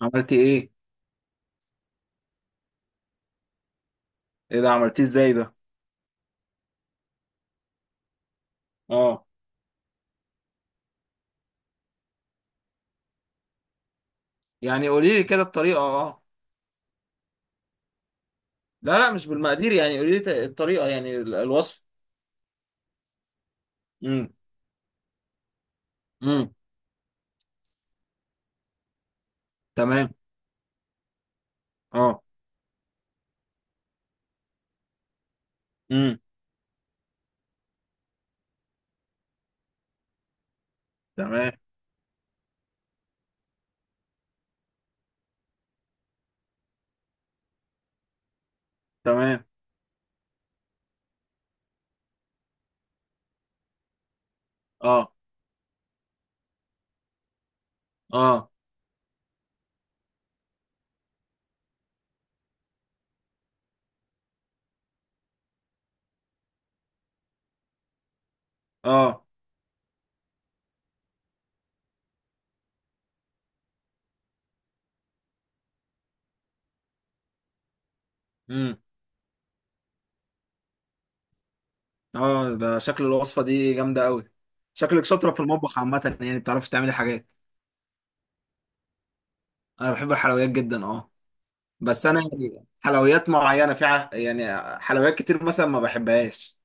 عملتي ايه؟ ايه ده؟ عملتيه ازاي ده؟ اه. يعني قولي لي كده الطريقه، اه. لا، لا مش بالمقادير، يعني قولي لي الطريقه، يعني الوصف. امم. امم. تمام. اه. امم. تمام. تمام. اه. اه. اه. امم. اه، ده شكل الوصفه دي جامده قوي. شكلك شاطره في المطبخ عامه، يعني بتعرفي تعملي حاجات. انا بحب الحلويات جدا، اه. بس انا يعني حلويات معينه في يعني حلويات كتير مثلا ما بحبهاش.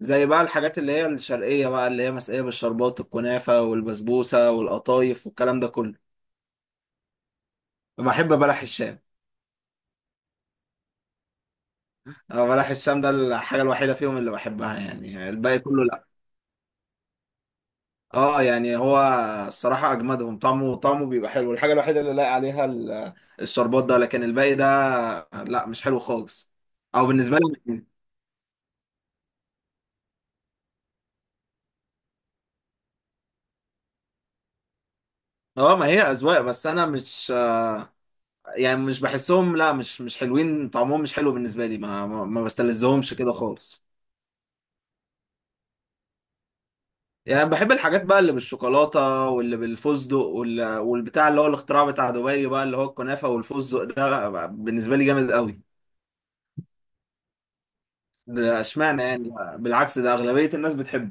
زي بقى الحاجات اللي هي الشرقية، بقى اللي هي مسقية بالشربات، الكنافة والبسبوسة والقطايف والكلام ده كله. بحب بلح الشام. أه، بلح الشام ده الحاجة الوحيدة فيهم اللي بحبها، يعني الباقي كله لا. اه يعني هو. الصراحة أجمدهم، طعمه بيبقى حلو، الحاجة الوحيدة اللي لاقي عليها الشربات ده، لكن الباقي ده لا مش حلو خالص. أو بالنسبة لي. اه، ما هي أذواق، بس أنا مش، يعني مش بحسهم، لا مش حلوين، طعمهم مش حلو بالنسبة لي، ما بستلذهمش كده خالص. يعني بحب الحاجات بقى اللي بالشوكولاتة واللي بالفستق والبتاع اللي هو الاختراع بتاع دبي بقى، اللي هو الكنافة والفستق ده بقى بالنسبة لي جامد قوي. ده اشمعنى يعني؟ بالعكس، ده أغلبية الناس بتحبه.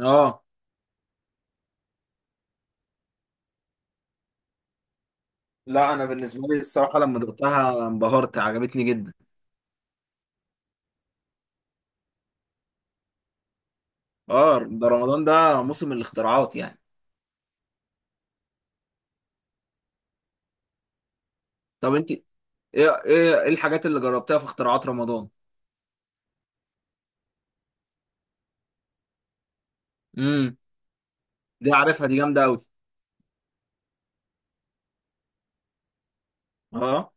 اه لا، انا بالنسبة لي الصراحة لما دقتها انبهرت، عجبتني جدا. اه، ده رمضان ده موسم الاختراعات يعني. طب انت ايه؟ إيه الحاجات اللي جربتها في اختراعات رمضان؟ امم. دي عارفها، دي جامدة قوي. اه.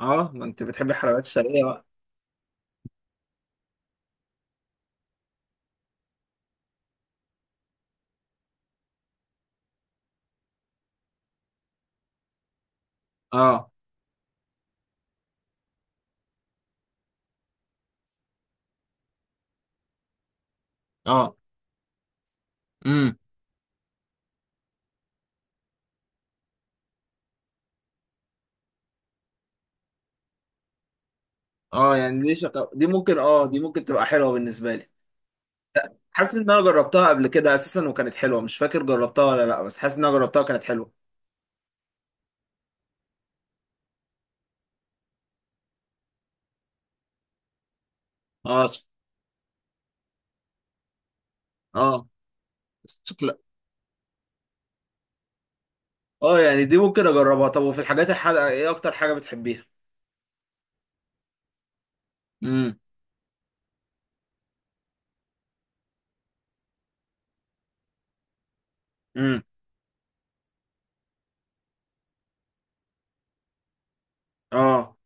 اه، ما انت بتحبي الحلويات الشرقية بقى. اه. اه. اه. يعني دي ممكن تبقى حلوه بالنسبه لي. حاسس ان انا جربتها قبل كده اساسا وكانت حلوه، مش فاكر جربتها ولا لا، بس حاسس ان انا جربتها وكانت حلوه. اه. اه. شكلها. اه، يعني دي ممكن اجربها. طب وفي الحاجات الحادقه ايه اكتر حاجه بتحبيها؟ امم. امم. اه.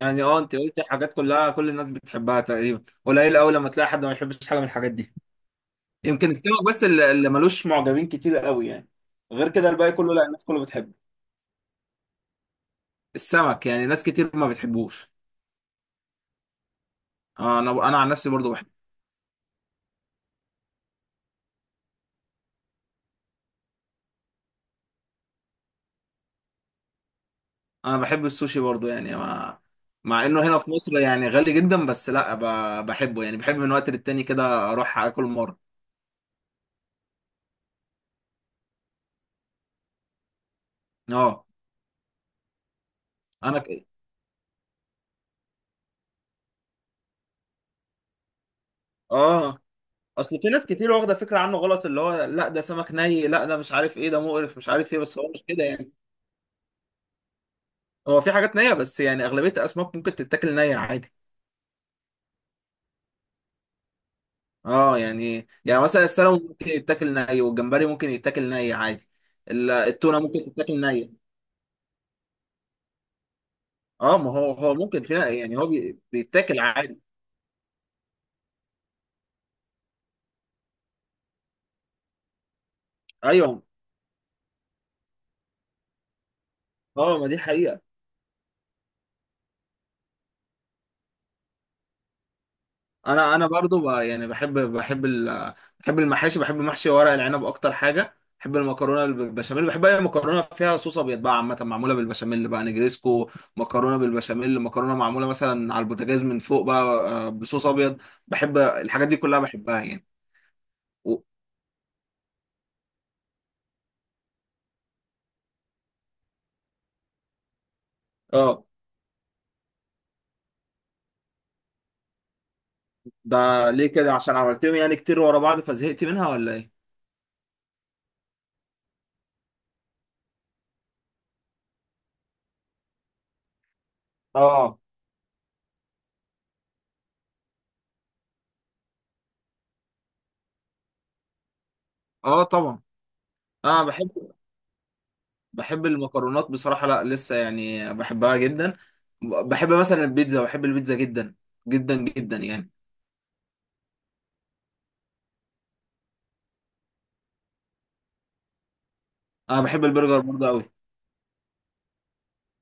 يعني اه، انت قلت حاجات كلها كل الناس بتحبها تقريبا، قليل قوي لما تلاقي حد ما يحبش حاجه من الحاجات دي. يمكن السمك بس اللي ملوش معجبين كتير قوي يعني. غير كده الباقي كله لا، الناس كله بتحبه. السمك يعني ناس كتير ما بتحبوش. آه، انا عن نفسي برضو بحب. انا بحب السوشي برضو، يعني مع، مع انه هنا في مصر يعني غالي جدا، بس لا بحبه، يعني بحب من وقت للتاني كده اروح اكل مره. اه انا ك... اه، اصل في ناس كتير واخده فكره عنه غلط، اللي هو لا ده سمك ني، لا ده مش عارف ايه، ده مقرف مش عارف ايه، بس هو مش كده يعني. هو في حاجات نيه، بس يعني اغلبيه الاسماك ممكن تتاكل نيه عادي. اه، يعني مثلا السلمون ممكن يتاكل ني، والجمبري ممكن يتاكل ني عادي. التونه ممكن تتاكل نيه. اه، ما هو ممكن فيها، يعني هو بيتاكل عادي. ايوه. اه، ما دي حقيقه، انا برضو يعني بحب المحاشي، بحب محشي ورق العنب، اكتر حاجه بحب المكرونه بالبشاميل، بحب اي مكرونه فيها صوص ابيض بقى، عامه معموله بالبشاميل بقى، نجريسكو. مكرونه بالبشاميل، مكرونه معموله مثلا على البوتاجاز من فوق بقى، بصوص ابيض. بحب الحاجات دي كلها بحبها يعني. و- اه، ده ليه كده؟ عشان عملتهم يعني كتير ورا بعض فزهقت منها ولا ايه؟ اه. اه طبعا. اه، بحب. بحب المكرونات بصراحة، لا لسه يعني بحبها جدا. بحب مثلا البيتزا، بحب البيتزا جدا. جدا جدا يعني. انا بحب البرجر برضه قوي.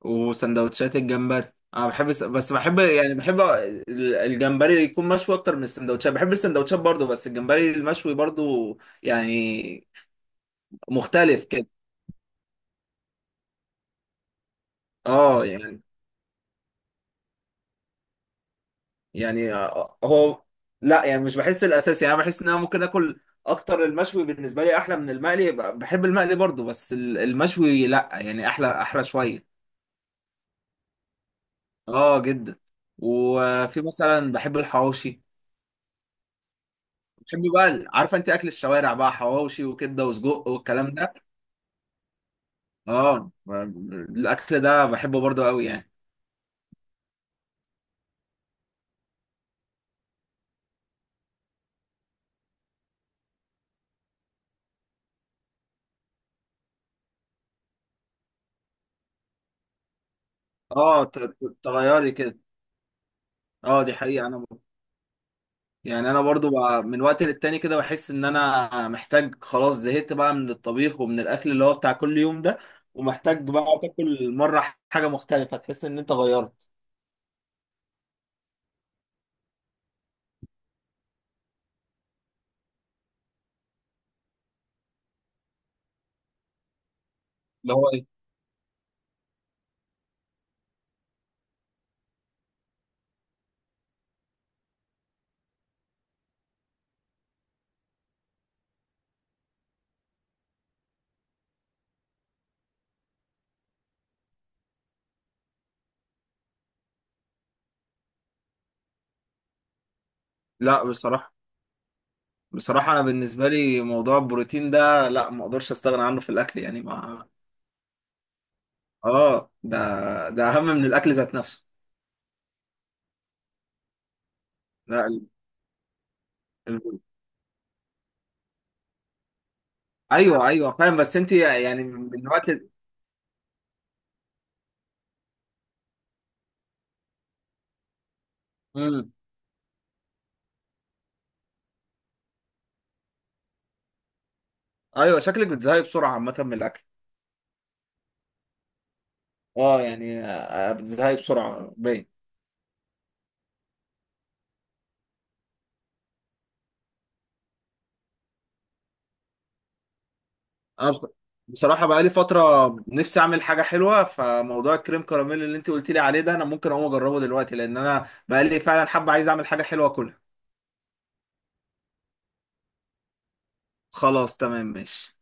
وسندوتشات الجمبري، انا بحب بس بحب يعني الجمبري يكون مشوي اكتر من السندوتشات، بحب السندوتشات برضه، بس الجمبري المشوي برضه. يعني مختلف كده. اه، يعني هو، لا يعني مش بحس الاساسي، يعني انا بحس ان انا ممكن اكل اكتر المشوي بالنسبه لي احلى من المقلي، بحب المقلي برضو، بس المشوي لا يعني احلى احلى شويه. اه جدا. وفي مثلا بحب الحواوشي. بحب بقى عارفه انت اكل الشوارع بقى، حواوشي وكبده وسجق والكلام ده. اه، الاكل ده بحبه برضو قوي يعني. اه، تغيري كده. اه دي حقيقه انا. يعني انا برضو بقى من وقت للتاني كده بحس ان انا محتاج، خلاص زهقت بقى من الطبيخ ومن الاكل اللي هو بتاع كل يوم ده. ومحتاج بقى تاكل مرة حاجة مختلفة تحس ان انت غيرت. اللي هو ايه؟ لا بصراحة. بصراحة انا بالنسبة لي موضوع البروتين ده لا، ما اقدرش استغنى عنه في الاكل، يعني ما. اه، ده اهم من الاكل ذات نفسه. لا ال- ايوه، ايوه، فاهم، بس انت يعني من وقت. امم. ايوه، شكلك بتزهقي بسرعة عامة من الاكل. اه، يعني بتزهقي بسرعة باين. انا بصراحه، بقى لي فتره، نفسي اعمل حاجه حلوه، فموضوع الكريم كراميل اللي انت قلت لي عليه ده، انا ممكن اقوم اجربه دلوقتي، لان انا بقى لي فعلا حابه، عايز اعمل حاجه حلوه كلها. خلاص، تمام، ماشي.